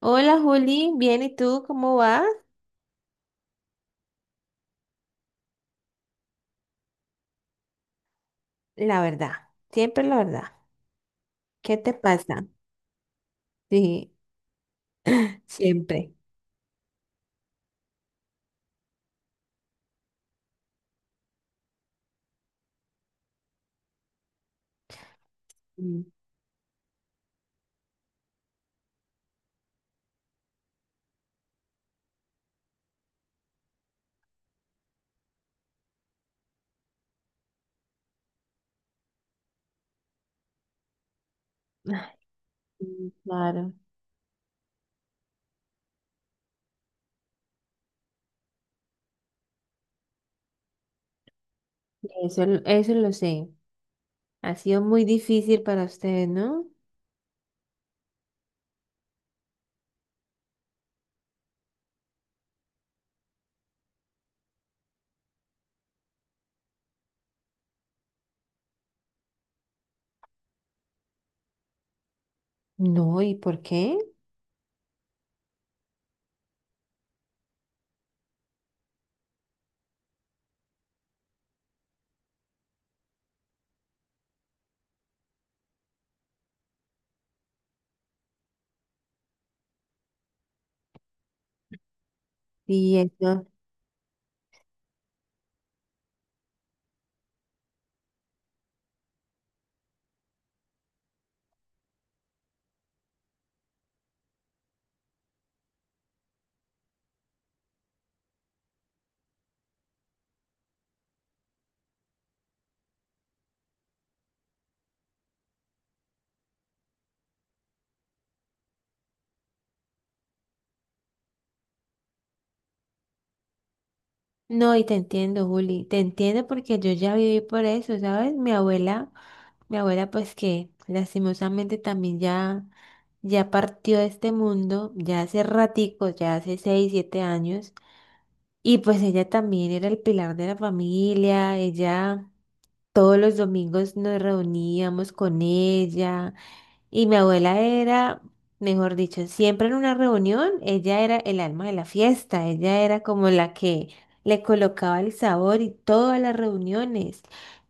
Hola Juli, bien, ¿y tú cómo vas? La verdad, siempre la verdad. ¿Qué te pasa? Sí, siempre. Mm. Mm, claro, eso lo sé. Ha sido muy difícil para ustedes, ¿no? No, ¿y por qué? Y eso. No, y te entiendo, Juli, te entiendo porque yo ya viví por eso, ¿sabes? Mi abuela pues que lastimosamente también ya, ya partió de este mundo, ya hace ratico, ya hace 6, 7 años. Y pues ella también era el pilar de la familia, ella todos los domingos nos reuníamos con ella y mi abuela era, mejor dicho, siempre en una reunión, ella era el alma de la fiesta, ella era como la que le colocaba el sabor y todas las reuniones.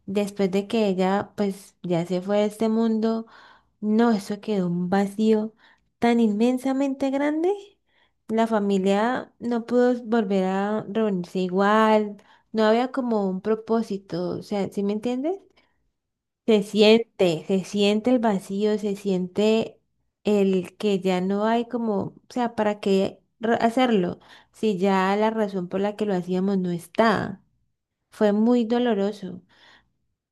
Después de que ella pues ya se fue de este mundo. No, eso quedó un vacío tan inmensamente grande. La familia no pudo volver a reunirse igual, no había como un propósito, o sea, ¿sí me entiendes? Se siente el vacío, se siente el que ya no hay como, o sea, ¿para qué hacerlo? Si ya la razón por la que lo hacíamos no está. Fue muy doloroso,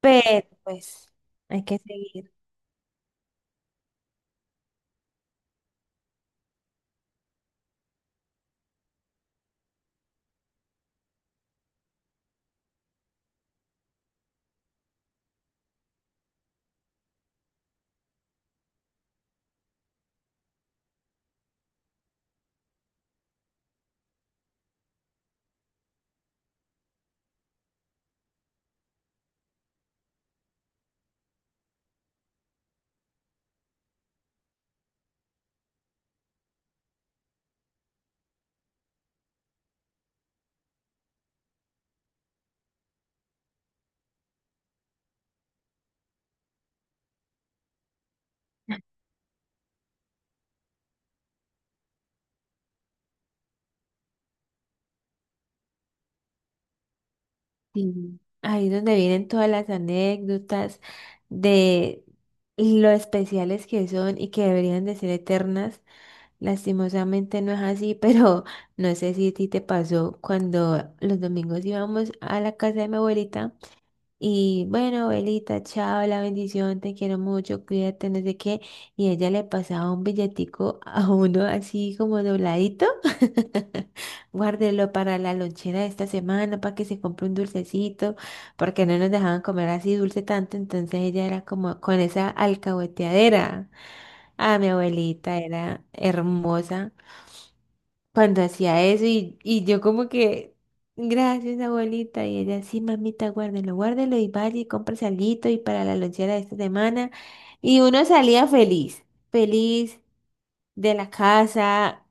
pero pues hay que seguir. Sí, ahí es donde vienen todas las anécdotas de lo especiales que son y que deberían de ser eternas. Lastimosamente no es así, pero no sé si a ti te pasó cuando los domingos íbamos a la casa de mi abuelita y bueno, abuelita, chao, la bendición, te quiero mucho, cuídate, no sé qué, y ella le pasaba un billetico a uno así como dobladito. Guárdelo para la lonchera de esta semana, para que se compre un dulcecito, porque no nos dejaban comer así dulce tanto, entonces ella era como con esa alcahueteadera. Ah, mi abuelita era hermosa cuando hacía eso y yo como que, gracias abuelita, y ella, sí, mamita, guárdelo, guárdelo y vaya y compre salito y para la lonchera de esta semana. Y uno salía feliz, feliz de la casa,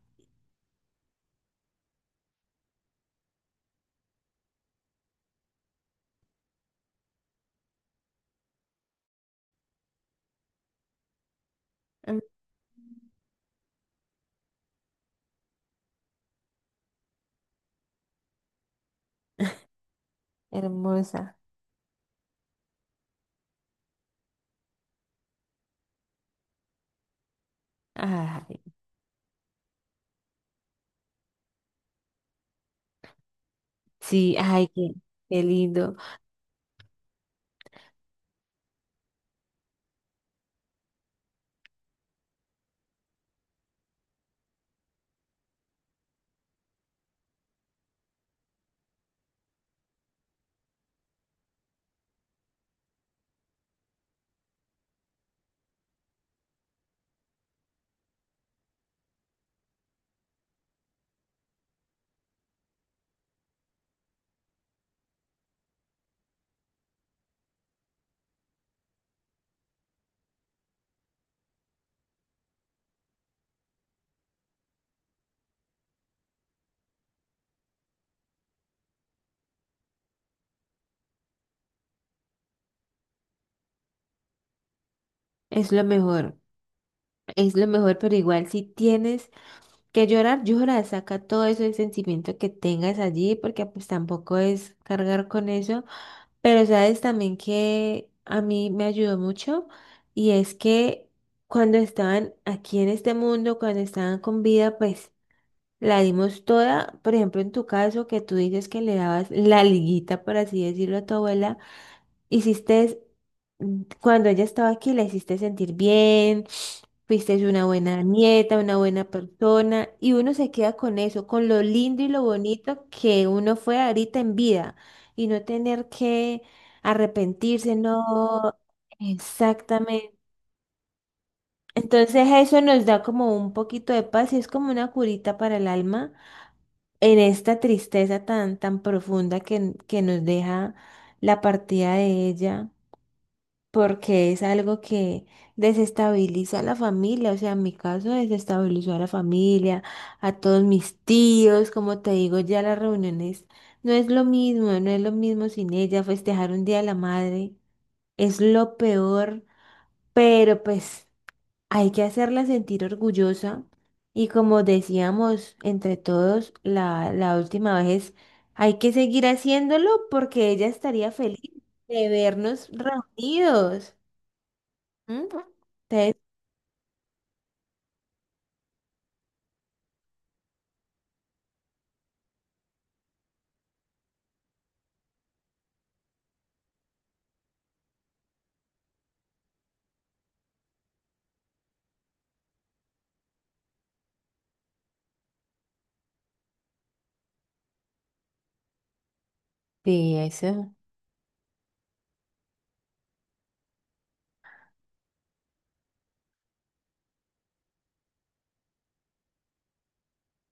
mm, hermosa. Ay. Sí, ay, qué lindo. Es lo mejor, es lo mejor, pero igual si tienes que llorar, llora, saca todo eso ese sentimiento que tengas allí, porque pues tampoco es cargar con eso. Pero sabes también que a mí me ayudó mucho y es que cuando estaban aquí en este mundo, cuando estaban con vida, pues la dimos toda. Por ejemplo, en tu caso, que tú dices que le dabas la liguita, por así decirlo, a tu abuela. Hiciste, cuando ella estaba aquí, la hiciste sentir bien, fuiste una buena nieta, una buena persona, y uno se queda con eso, con lo lindo y lo bonito que uno fue ahorita en vida, y no tener que arrepentirse, no, exactamente. Entonces eso nos da como un poquito de paz y es como una curita para el alma en esta tristeza tan, tan profunda que nos deja la partida de ella porque es algo que desestabiliza a la familia, o sea, en mi caso desestabilizó a la familia, a todos mis tíos, como te digo, ya las reuniones no es lo mismo, no es lo mismo sin ella, festejar un día de la madre es lo peor, pero pues hay que hacerla sentir orgullosa y como decíamos entre todos la última vez, hay que seguir haciéndolo porque ella estaría feliz de vernos reunidos. Ujú. Sí, sí, eso.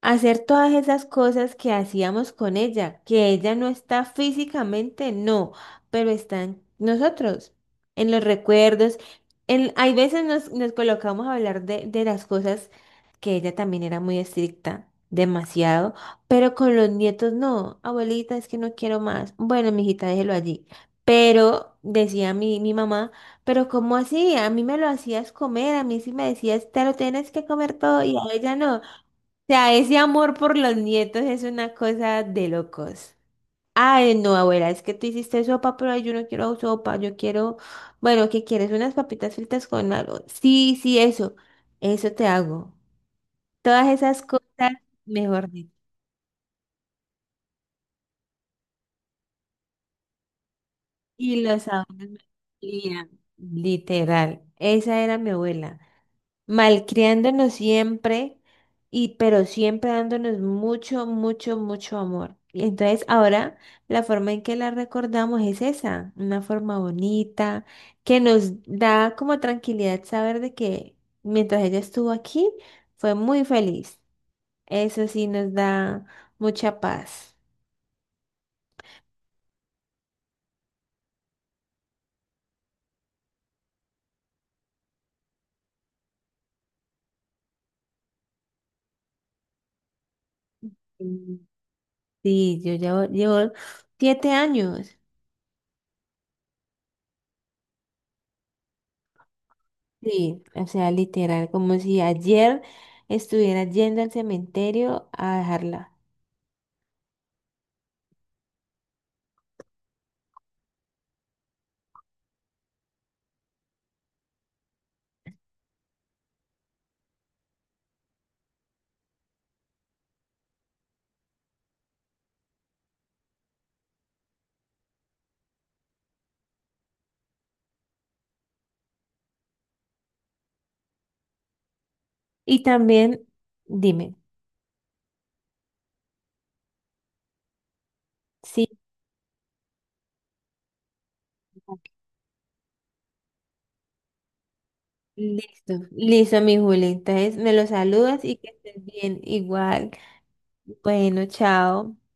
Hacer todas esas cosas que hacíamos con ella, que ella no está físicamente, no, pero están nosotros, en los recuerdos. Hay veces nos colocamos a hablar de las cosas que ella también era muy estricta, demasiado, pero con los nietos no, abuelita, es que no quiero más. Bueno, mijita, déjelo allí. Pero, decía mi mamá, pero ¿cómo así? A mí me lo hacías comer, a mí sí me decías, te lo tienes que comer todo y a ella no sea, ese amor por los nietos es una cosa de locos. Ay, no, abuela, es que tú hiciste sopa, pero ay, yo no quiero sopa, yo quiero, bueno, ¿qué quieres? Unas papitas fritas con algo. Sí, sí, eso te hago. Todas esas cosas, mejor dicho. Y los sabores me encantarían, literal. Esa era mi abuela. Malcriándonos siempre, y, pero siempre dándonos mucho, mucho, mucho amor. Y entonces ahora la forma en que la recordamos es esa, una forma bonita, que nos da como tranquilidad saber de que mientras ella estuvo aquí, fue muy feliz. Eso sí nos da mucha paz. Mm. Sí, yo llevo 7 años. Sí, o sea, literal, como si ayer estuviera yendo al cementerio a dejarla. Y también, dime, sí, listo, listo, mi Juli. Entonces, me lo saludas y que estés bien, igual. Bueno, chao.